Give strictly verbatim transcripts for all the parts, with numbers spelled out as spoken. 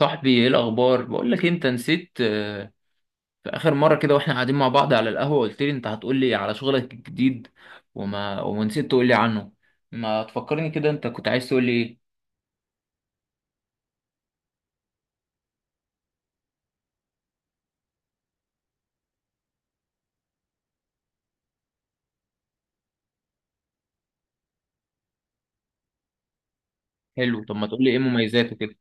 صاحبي، ايه الاخبار؟ بقول لك إيه، انت نسيت، آه، في اخر مره كده واحنا قاعدين مع بعض على القهوه، قلت لي انت هتقول لي على شغلك الجديد وما ونسيت تقول لي عنه. ما تفكرني كده، انت كنت عايز تقول لي ايه؟ حلو، طب ما تقول لي ايه مميزاته كده.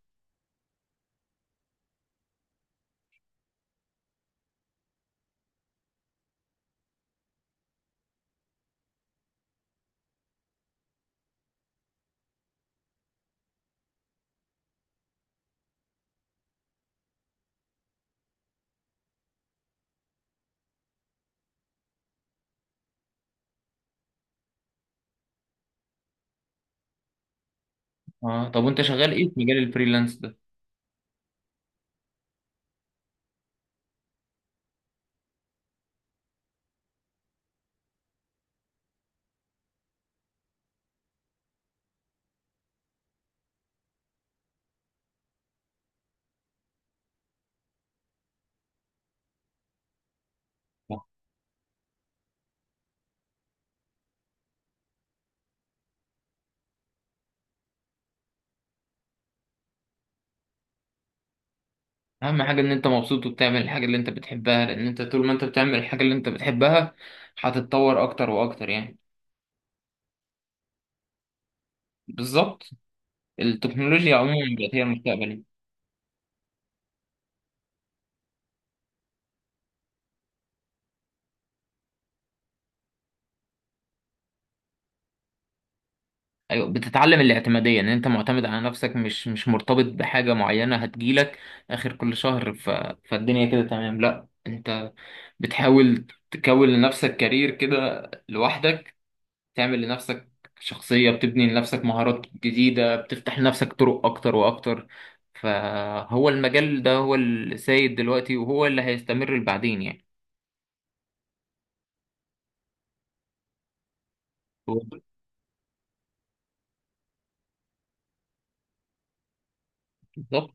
اه، طب وانت شغال ايه في مجال الفريلانس ده؟ اهم حاجه ان انت مبسوط وبتعمل الحاجه اللي انت بتحبها، لان انت طول ما انت بتعمل الحاجه اللي انت بتحبها هتتطور اكتر واكتر يعني. بالظبط، التكنولوجيا عموما بقت هي المستقبل. ايوه، بتتعلم الاعتماديه ان انت معتمد على نفسك، مش مش مرتبط بحاجه معينه هتجيلك اخر كل شهر. ف... فالدنيا كده تمام. لا، انت بتحاول تكون لنفسك كارير كده، لوحدك، تعمل لنفسك شخصيه، بتبني لنفسك مهارات جديده، بتفتح لنفسك طرق اكتر واكتر. فهو المجال ده هو السيد دلوقتي، وهو اللي هيستمر بعدين يعني. هو- بالظبط.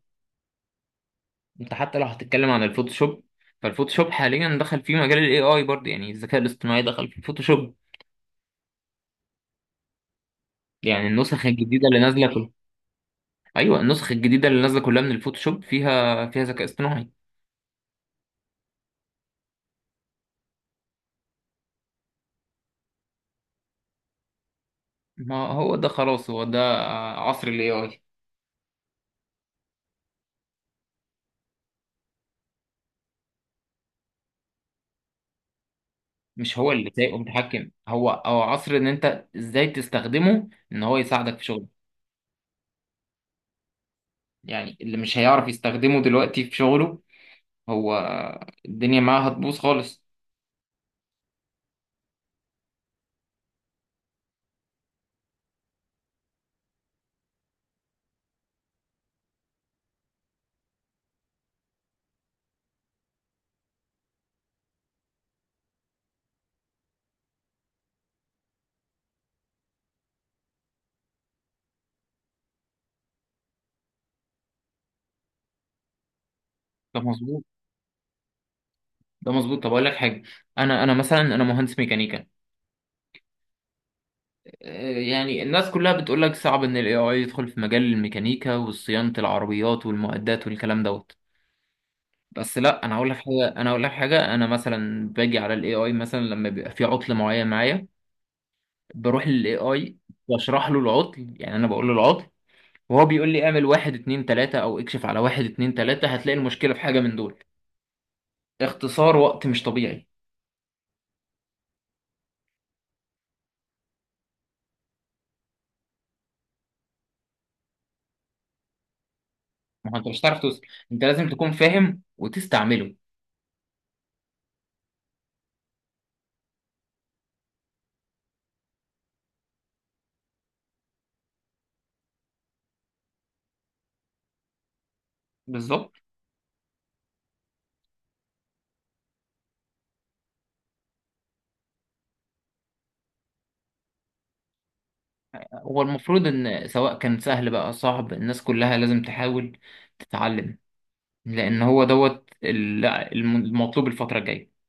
انت حتى لو هتتكلم عن الفوتوشوب، فالفوتوشوب حاليا دخل فيه مجال الاي اي برضه، يعني الذكاء الاصطناعي دخل في الفوتوشوب. يعني النسخ الجديده اللي نازله كل... ايوه، النسخ الجديده اللي نازله كلها من الفوتوشوب فيها فيها ذكاء اصطناعي. ما هو ده خلاص، هو ده عصر الاي اي. مش هو اللي سايق ومتحكم هو، او عصر ان انت ازاي تستخدمه، ان هو يساعدك في شغله. يعني اللي مش هيعرف يستخدمه دلوقتي في شغله، هو الدنيا معاه هتبوظ خالص. ده مظبوط. ده مظبوط، طب اقول لك حاجه. انا انا مثلا انا مهندس ميكانيكا. آه، يعني الناس كلها بتقول لك صعب ان الاي اي يدخل في مجال الميكانيكا وصيانه العربيات والمعدات والكلام دوت. بس لا، انا هقول لك حاجه، انا هقول لك حاجه. انا مثلا باجي على الاي اي مثلا لما بيبقى في عطل معين معايا، بروح للاي اي، بشرح له العطل، يعني انا بقول له العطل، وهو بيقول لي اعمل واحد اتنين تلاته، او اكشف على واحد اتنين تلاته هتلاقي المشكله في حاجه من دول. اختصار وقت مش طبيعي. ما هو انت مش هتعرف توصل، انت لازم تكون فاهم وتستعمله. بالظبط. هو المفروض ان سواء كان سهل بقى صعب، الناس كلها لازم تحاول تتعلم، لان هو دوت ال- الم- المطلوب الفترة الجاية.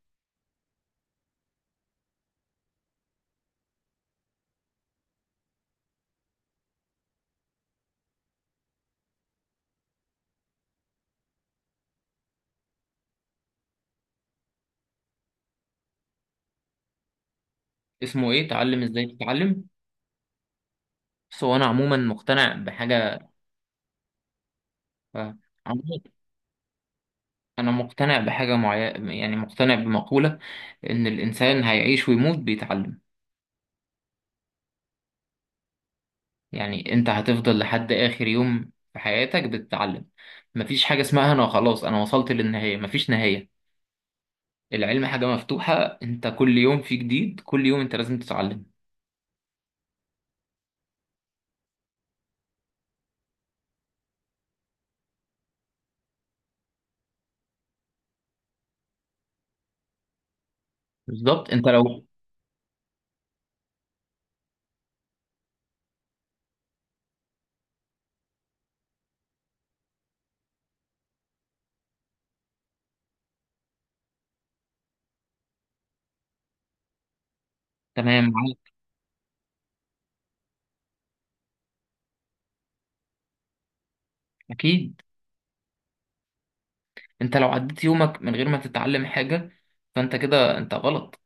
اسمه ايه، تعلم ازاي تتعلم؟ بس هو انا عموما مقتنع بحاجة. آه، عموماً، انا مقتنع بحاجة معينة، يعني مقتنع بمقولة ان الانسان هيعيش ويموت بيتعلم. يعني انت هتفضل لحد اخر يوم في حياتك بتتعلم. مفيش حاجة اسمها انا خلاص انا وصلت للنهاية، مفيش نهاية. العلم حاجة مفتوحة، انت كل يوم في جديد، كل يوم انت لازم تتعلم. بالظبط. انت لو تمام معاك. اكيد، انت لو عديت يومك من غير ما تتعلم حاجة فانت كده انت غلط.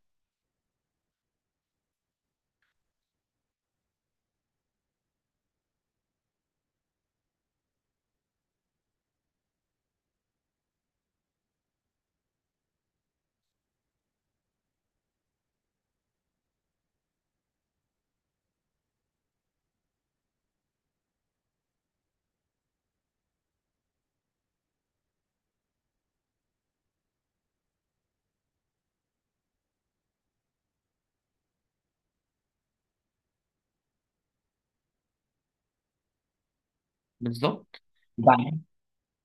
بالظبط. وبعدين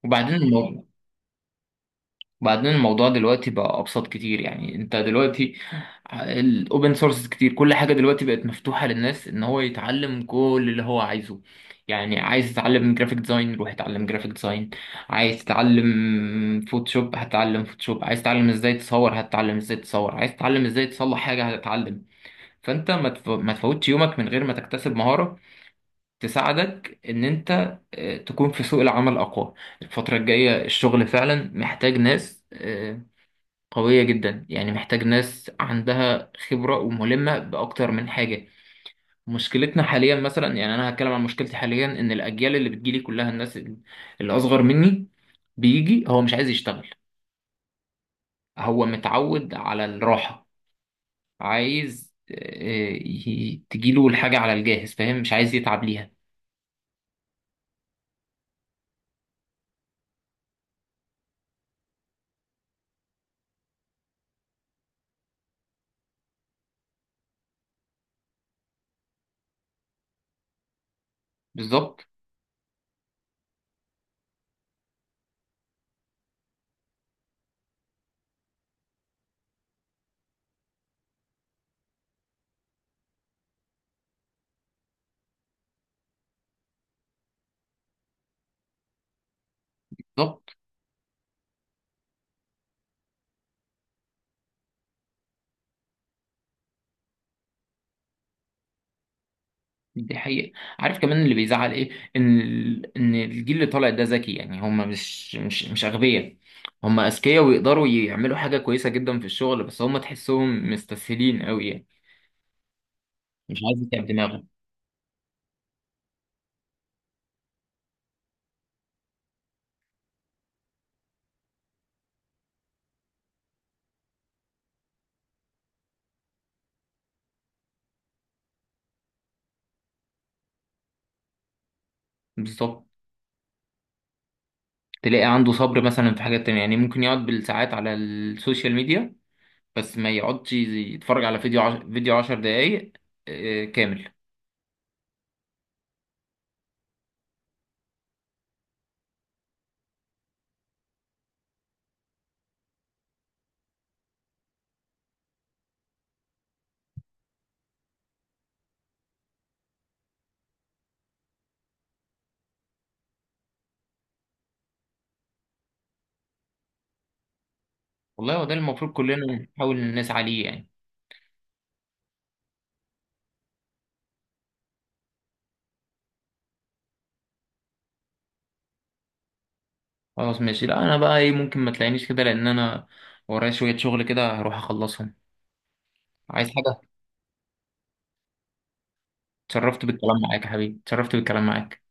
وبعدين الموضوع وبعدين الموضوع دلوقتي بقى ابسط كتير، يعني انت دلوقتي الاوبن سورس كتير، كل حاجه دلوقتي بقت مفتوحه للناس ان هو يتعلم كل اللي هو عايزه. يعني عايز تتعلم جرافيك ديزاين روح اتعلم جرافيك ديزاين، عايز تتعلم فوتوشوب هتتعلم فوتوشوب، عايز تتعلم ازاي تصور هتتعلم ازاي تصور، عايز تتعلم ازاي تصلح حاجه هتتعلم. فانت ما تف- ما تفوتش يومك من غير ما تكتسب مهاره تساعدك ان انت آه، تكون في سوق العمل اقوى. الفتره الجايه الشغل فعلا محتاج ناس آه، قوية جدا، يعني محتاج ناس عندها خبرة وملمة بأكتر من حاجة. مشكلتنا حاليا مثلا، يعني أنا هتكلم عن مشكلتي حاليا، إن الأجيال اللي بتجيلي كلها، الناس اللي أصغر مني، بيجي هو مش عايز يشتغل، هو متعود على الراحة، عايز آه، ي- تجيله الحاجة على الجاهز، فاهم، مش عايز يتعب ليها. بالظبط. بالظبط. دي حقيقة. عارف كمان اللي بيزعل ايه؟ ان ال... ان الجيل اللي طالع ده ذكي، يعني هم مش مش مش اغبياء، هم اذكياء ويقدروا يعملوا حاجة كويسة جدا في الشغل، بس هم تحسهم مستسهلين قوي يعني. مش عايز يتعب دماغه. بالظبط. تلاقي عنده صبر مثلا في حاجات تانية، يعني ممكن يقعد بالساعات على السوشيال ميديا، بس ما يقعدش يتفرج على فيديو عش... فيديو عشر دقايق آه، كامل. والله هو ده المفروض كلنا نحاول نسعى ليه يعني. خلاص ماشي، لا انا بقى ايه، ممكن ما تلاقينيش كده لان انا ورايا شوية شغل كده هروح اخلصهم. عايز حاجة؟ اتشرفت بالكلام معاك يا حبيبي، اتشرفت بالكلام معاك.